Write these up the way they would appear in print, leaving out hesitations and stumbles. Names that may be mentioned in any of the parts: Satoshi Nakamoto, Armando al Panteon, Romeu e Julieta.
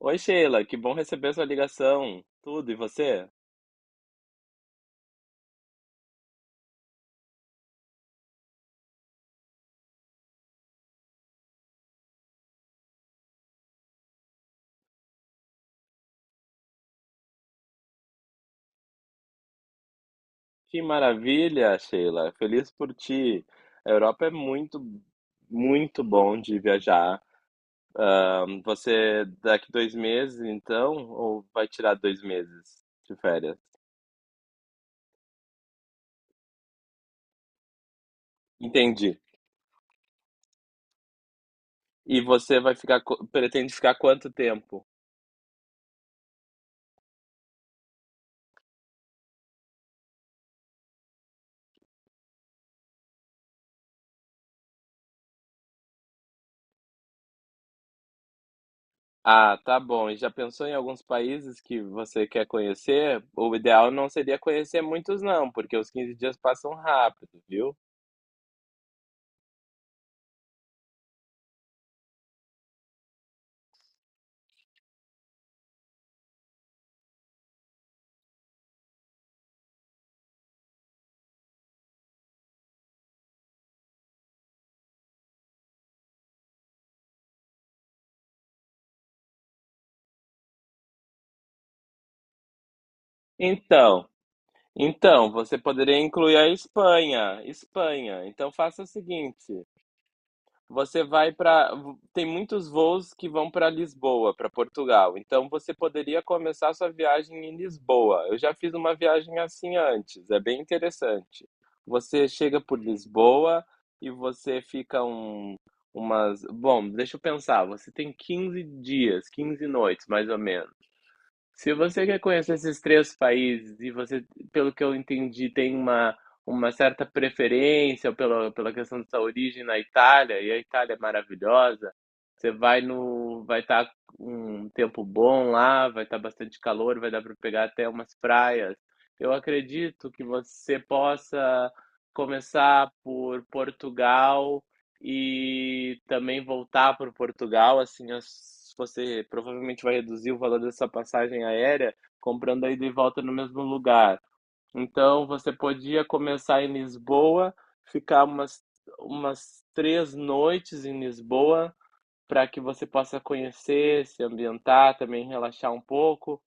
Oi, Sheila, que bom receber sua ligação. Tudo, e você? Que maravilha, Sheila. Feliz por ti. A Europa é muito bom de viajar. Você daqui dois meses, então, ou vai tirar dois meses de férias? Entendi. E você vai pretende ficar quanto tempo? Ah, tá bom. E já pensou em alguns países que você quer conhecer? O ideal não seria conhecer muitos, não, porque os 15 dias passam rápido, viu? Então, Então, você poderia incluir a Espanha. Espanha. Então faça o seguinte, você vai para tem muitos voos que vão para Lisboa, para Portugal. Então você poderia começar sua viagem em Lisboa. Eu já fiz uma viagem assim antes, é bem interessante. Você chega por Lisboa e você fica, deixa eu pensar, você tem 15 dias, 15 noites mais ou menos. Se você quer conhecer esses três países e você, pelo que eu entendi, tem uma certa preferência pela questão da sua origem na Itália, e a Itália é maravilhosa, você vai no, vai estar um tempo bom lá, vai estar bastante calor, vai dar para pegar até umas praias. Eu acredito que você possa começar por Portugal e também voltar para Portugal, assim, você provavelmente vai reduzir o valor dessa passagem aérea comprando a ida e volta no mesmo lugar. Então, você podia começar em Lisboa, ficar umas três noites em Lisboa, para que você possa conhecer, se ambientar, também relaxar um pouco.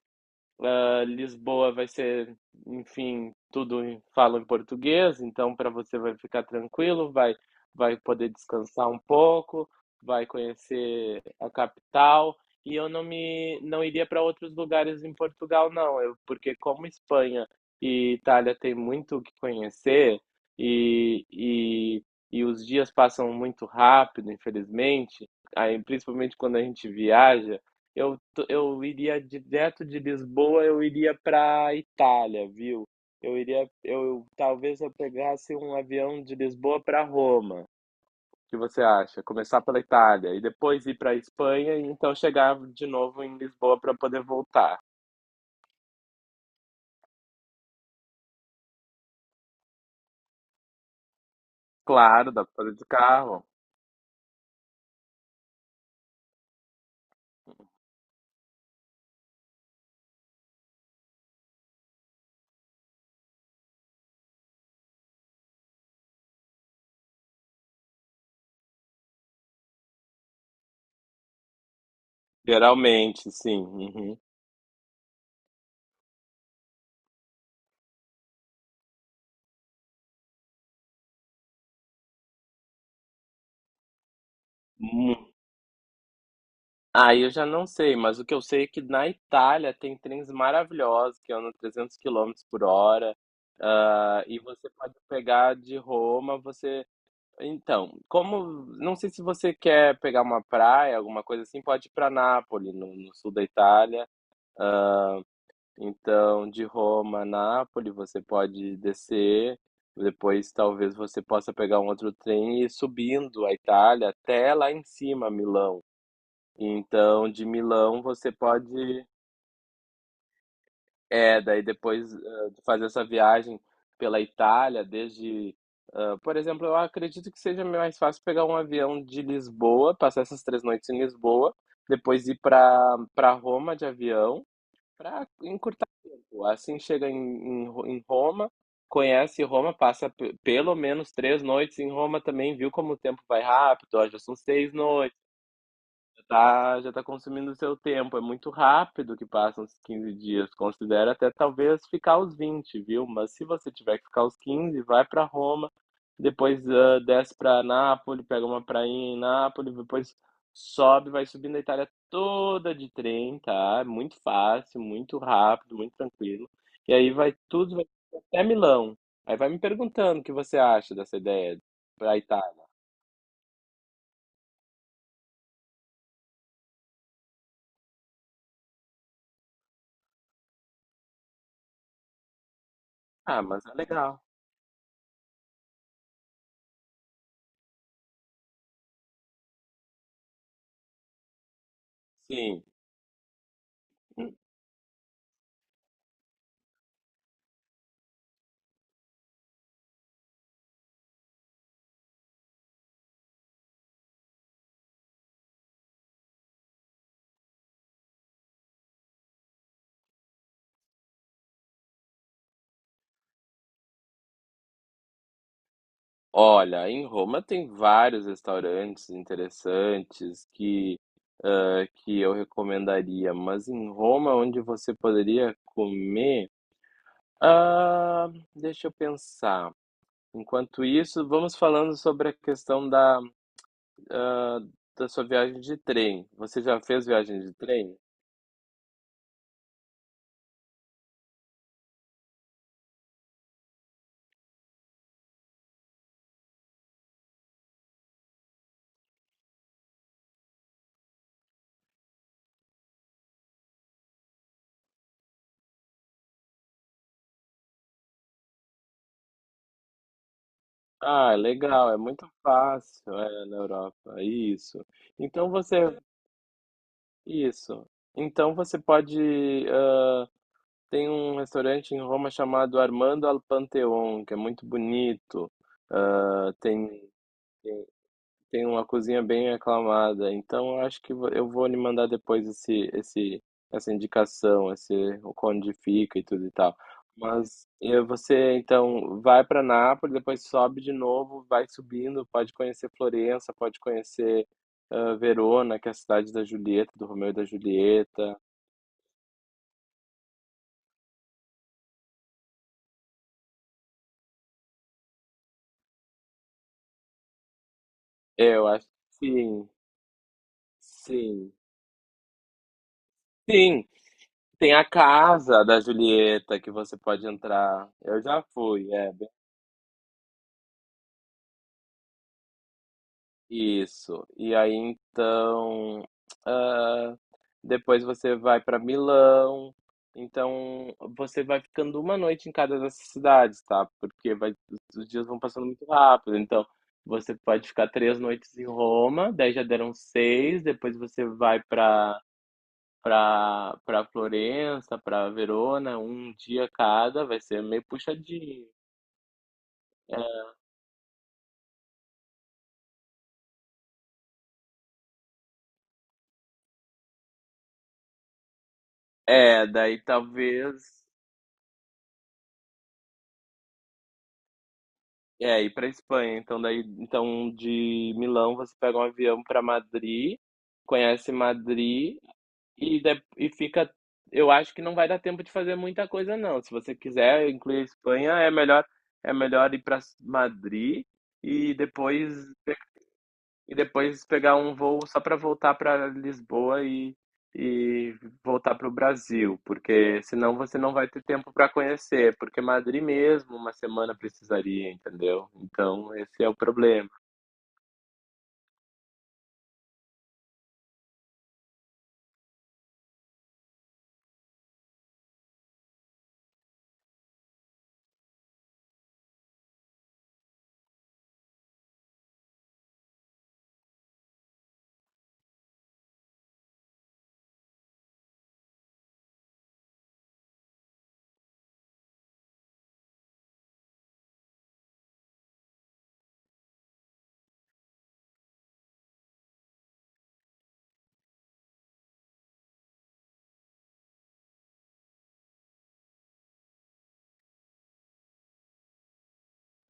Lisboa vai ser, enfim, fala em português, então para você vai ficar tranquilo, vai, vai poder descansar um pouco, vai conhecer a capital. E eu não iria para outros lugares em Portugal, não, porque como Espanha e Itália tem muito o que conhecer e, e, e os dias passam muito rápido, infelizmente, aí, principalmente quando a gente viaja, eu eu iria direto de Lisboa, eu iria para Itália, viu? Eu iria, eu talvez eu pegasse um avião de Lisboa para Roma. O que você acha? Começar pela Itália e depois ir para Espanha e então chegar de novo em Lisboa para poder voltar. Claro, dá para fazer de carro. Geralmente, sim. Uhum. Ah, eu já não sei, mas o que eu sei é que na Itália tem trens maravilhosos que andam 300 quilômetros por hora, ah, e você pode pegar de Roma, você então, como não sei se você quer pegar uma praia, alguma coisa assim, pode ir pra Nápoles, no sul da Itália. Então, de Roma a Nápoles, você pode descer, depois talvez você possa pegar um outro trem e ir subindo a Itália até lá em cima, Milão. Então, de Milão você pode. É, daí depois, de fazer essa viagem pela Itália, por exemplo, eu acredito que seja mais fácil pegar um avião de Lisboa, passar essas três noites em Lisboa, depois ir para Roma de avião, para encurtar o tempo. Assim chega em Roma, conhece Roma, pelo menos três noites em Roma também, viu como o tempo vai rápido? Ó, já são seis noites, tá, já tá consumindo o seu tempo. É muito rápido que passam os 15 dias. Considera até talvez ficar os vinte, viu? Mas se você tiver que ficar os quinze, vai para Roma, depois desce para Nápoles, pega uma prainha em Nápoles, depois sobe, vai subindo a Itália toda de trem, tá? É muito fácil, muito rápido, muito tranquilo. E aí vai tudo, vai até Milão. Aí vai me perguntando o que você acha dessa ideia para Itália. Ah, mas é legal. Sim. Olha, em Roma tem vários restaurantes interessantes que eu recomendaria, mas em Roma onde você poderia comer, ah, deixa eu pensar. Enquanto isso, vamos falando sobre a questão ah, da sua viagem de trem. Você já fez viagem de trem? Ah, é legal, é muito fácil, é, na Europa, isso. Então você isso. Então você pode. Tem um restaurante em Roma chamado Armando al Panteon, que é muito bonito. Ah, tem, tem, tem uma cozinha bem aclamada. Então, eu acho eu vou lhe mandar depois essa indicação, o onde fica e tudo e tal. Mas você, então, vai para Nápoles, depois sobe de novo, vai subindo, pode conhecer Florença, pode conhecer Verona, que é a cidade da Julieta, do Romeu e da Julieta. É, eu acho que sim, sim. Sim, tem a casa da Julieta que você pode entrar. Eu já fui, é. Bem, isso. E aí então, ah, depois você vai para Milão. Então, você vai ficando uma noite em cada dessas cidades, tá? Porque vai, os dias vão passando muito rápido. Então, você pode ficar três noites em Roma, daí já deram seis. Depois você vai para Florença, para Verona, um dia cada. Vai ser meio puxadinho. É, daí talvez. É, ir pra Espanha. Então, daí, então de Milão você pega um avião pra Madrid, conhece Madrid e fica. Eu acho que não vai dar tempo de fazer muita coisa, não. Se você quiser incluir a Espanha, é melhor ir pra Madrid e depois pegar um voo só para voltar para Lisboa e voltar para o Brasil, porque senão você não vai ter tempo para conhecer, porque Madrid mesmo uma semana precisaria, entendeu? Então esse é o problema.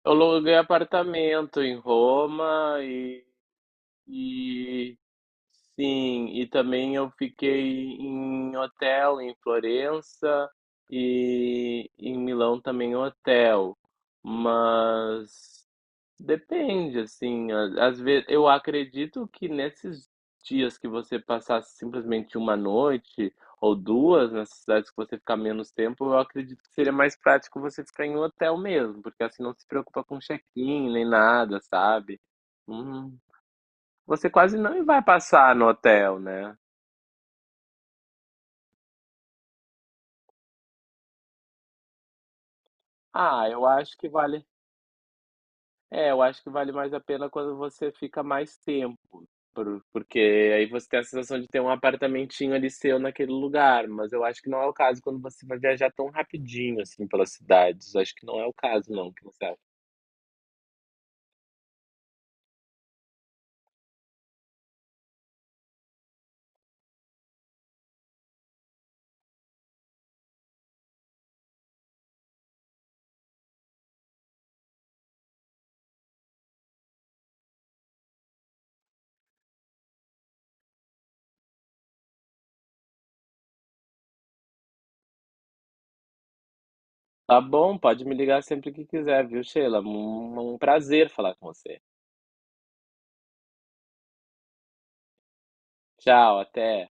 Eu aluguei apartamento em Roma, e sim, e também eu fiquei em hotel em Florença e em Milão também hotel, mas depende, assim, às vezes eu acredito que nesses dias que você passasse simplesmente uma noite ou duas nessas cidades que você ficar menos tempo, eu acredito que seria mais prático você ficar em um hotel mesmo, porque assim não se preocupa com check-in nem nada, sabe? Hum, Você quase não vai passar no hotel, né? Ah, eu acho que vale É, eu acho que vale mais a pena quando você fica mais tempo, porque aí você tem a sensação de ter um apartamentinho ali seu naquele lugar, mas eu acho que não é o caso quando você vai viajar tão rapidinho assim pelas cidades. Acho que não é o caso não, o que você acha? Tá bom, pode me ligar sempre que quiser, viu, Sheila? Um prazer falar com você. Tchau, até.